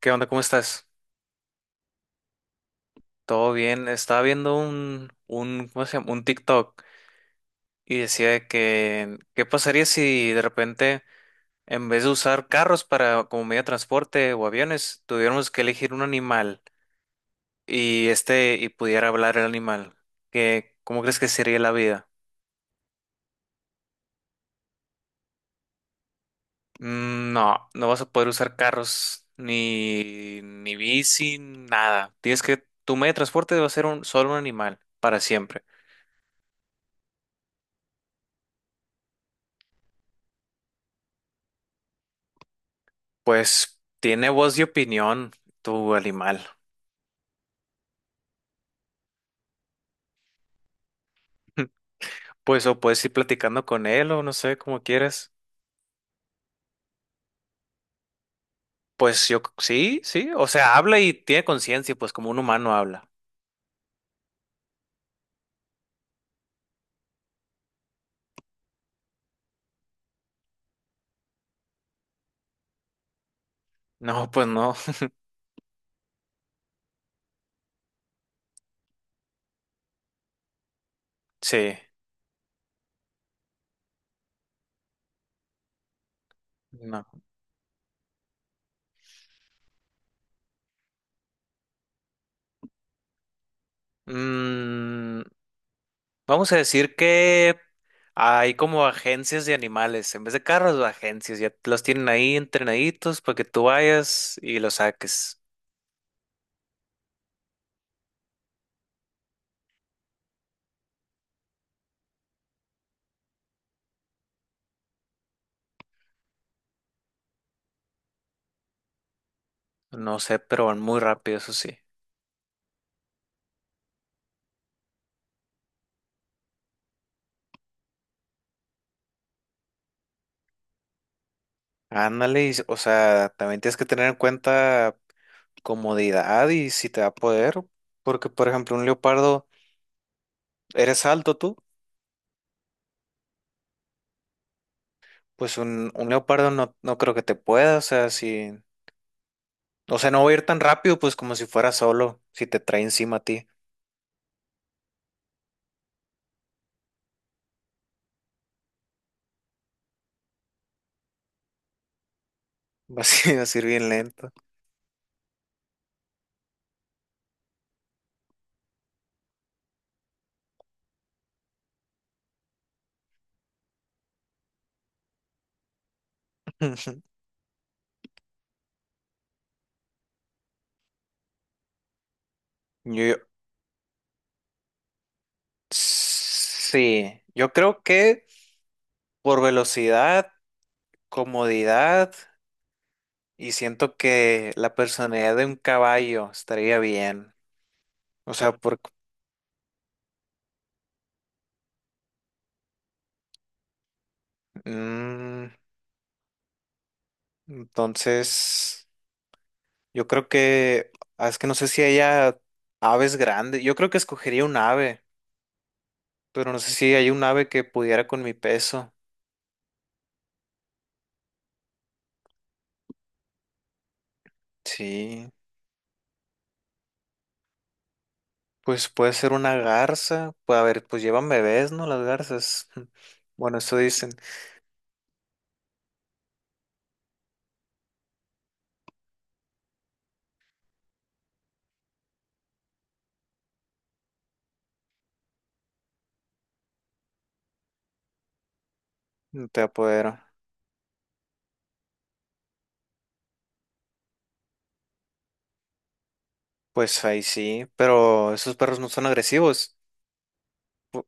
¿Qué onda? ¿Cómo estás? ¿Todo bien? Estaba viendo ¿cómo se llama? Un TikTok y decía de que, ¿qué pasaría si de repente, en vez de usar carros para como medio de transporte o aviones, tuviéramos que elegir un animal y pudiera hablar el animal? ¿Cómo crees que sería la vida? No, no vas a poder usar carros ni bici, nada. Tienes que, tu medio de transporte va a ser solo un animal para siempre. Pues tiene voz y opinión, tu animal. Pues o puedes ir platicando con él o no sé, como quieres. Sí, sí, o sea, habla y tiene conciencia, pues como un humano habla. No, pues no, sí, no. Mm, Vamos a decir que hay como agencias de animales, en vez de carros, agencias, ya los tienen ahí entrenaditos para que tú vayas y los saques. No sé, pero van muy rápido, eso sí. Ándale, o sea, también tienes que tener en cuenta comodidad y si te da poder, porque por ejemplo un leopardo, eres alto tú, pues un leopardo no, no creo que te pueda, o sea, si, o sea, no va a ir tan rápido, pues como si fuera solo, si te trae encima a ti, vas a ir bien lento. Yo, sí, yo creo que por velocidad, comodidad y siento que la personalidad de un caballo estaría bien. O sea, Mm, entonces, yo creo que, ah, es que no sé si haya aves grandes. Yo creo que escogería un ave, pero no sé si hay un ave que pudiera con mi peso. Sí, pues puede ser una garza. Pues a ver, pues llevan bebés, ¿no? Las garzas. Bueno, eso dicen. No te apodero. Pues ahí sí, pero esos perros no son agresivos. Pu-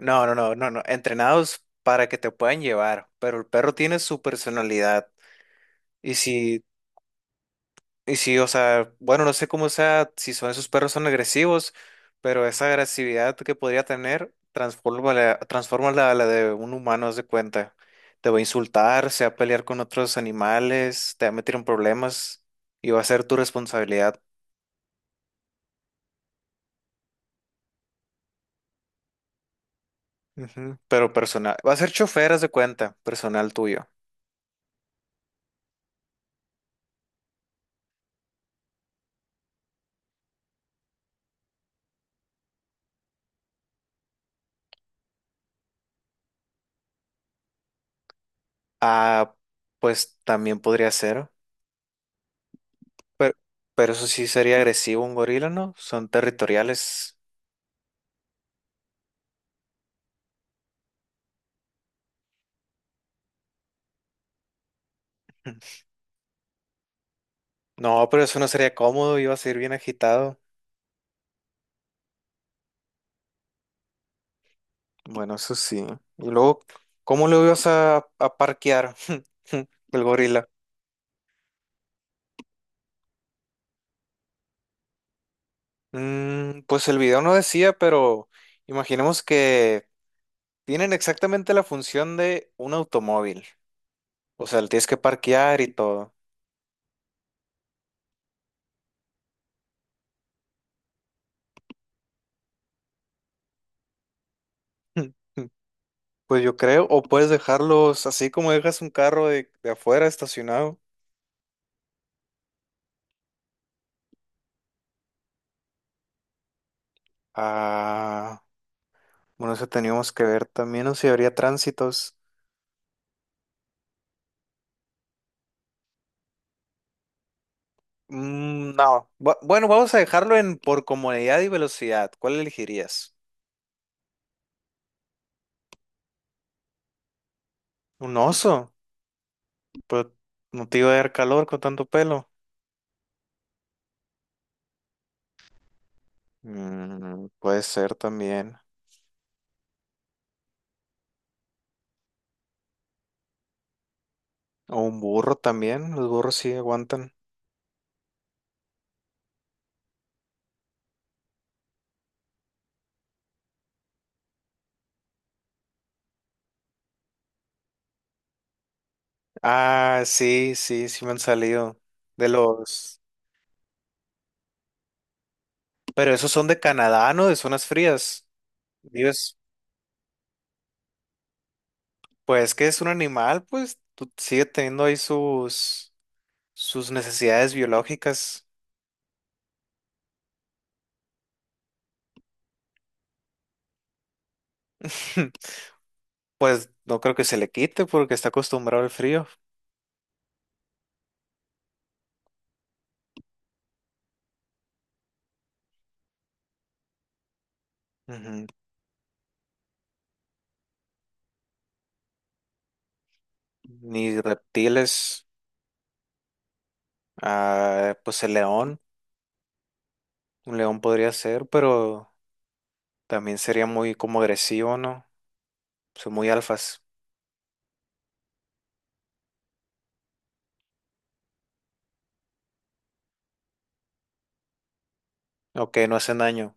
No, no, no, no, no. Entrenados para que te puedan llevar, pero el perro tiene su personalidad. Y si Y sí, o sea, bueno, no sé cómo sea, si son esos perros son agresivos, pero esa agresividad que podría tener, transfórmala, transfórmala a la de un humano, haz de cuenta. Te va a insultar, se va a pelear con otros animales, te va a meter en problemas y va a ser tu responsabilidad. Ujú, pero personal, va a ser chofer, haz de cuenta, personal tuyo. Ah, pues también podría ser, pero, pero eso sí sería agresivo un gorila, ¿no? Son territoriales. No, pero eso no sería cómodo, iba a ser bien agitado. Bueno, eso sí. Y luego, ¿cómo lo ibas a parquear el gorila? Pues el video no decía, pero imaginemos que tienen exactamente la función de un automóvil. O sea, le tienes que parquear y todo. Pues yo creo, o puedes dejarlos así como dejas un carro de afuera estacionado. Ah, bueno, eso teníamos que ver también, o si habría tránsitos. No. Bueno, vamos a dejarlo en por comodidad y velocidad. ¿Cuál elegirías? Un oso. Pues no te iba a dar calor con tanto pelo. Mm, puede ser también. O un burro también. Los burros sí aguantan. Ah, sí, sí, sí me han salido. De los. Pero esos son de Canadá, ¿no? De zonas frías. Dios, pues que es un animal, sigue teniendo ahí sus, sus necesidades biológicas. Pues no creo que se le quite porque está acostumbrado al frío. Ujú. Ni reptiles. Ah, pues el león. Un león podría ser, pero también sería muy como agresivo, ¿no? Son muy alfas. Ok, no hacen daño.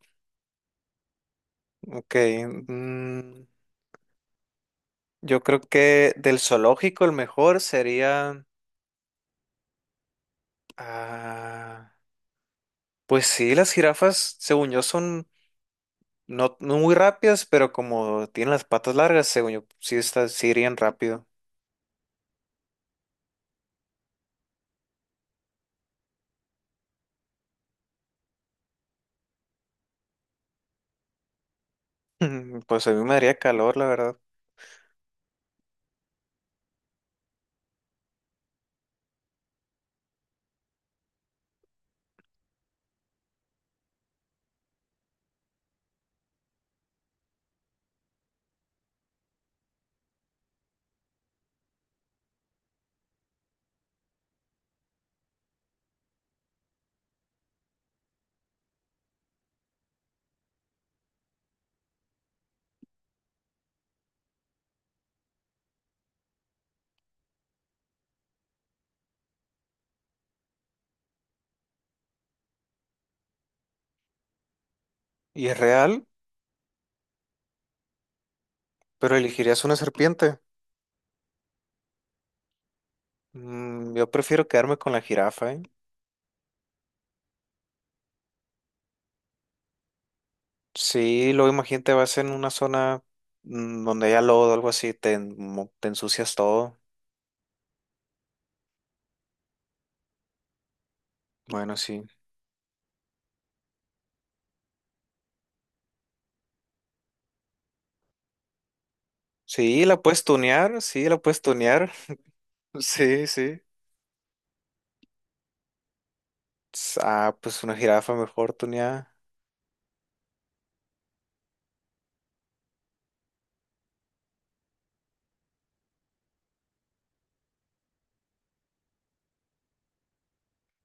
Ok. mm, yo creo que del zoológico el mejor sería... ah, pues sí, las jirafas, según yo, son no, no muy rápidas, pero como tienen las patas largas, según yo, sí, estas sí irían rápido. Pues a mí me daría calor, la verdad. Y es real, pero elegirías una serpiente. Yo prefiero quedarme con la jirafa, ¿eh? Sí, luego imagínate, vas en una zona donde haya lodo o algo así, te, te ensucias todo. Bueno, sí. Sí, la puedes tunear, sí, la puedes tunear. Sí, sí. Ah, pues una jirafa mejor tuneada.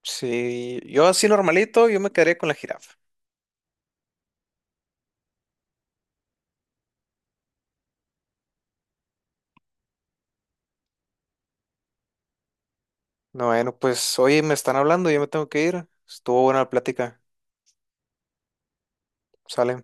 Sí, yo así normalito, yo me quedaría con la jirafa. No, bueno, pues oye, me están hablando, yo me tengo que ir. Estuvo buena la plática. Sale.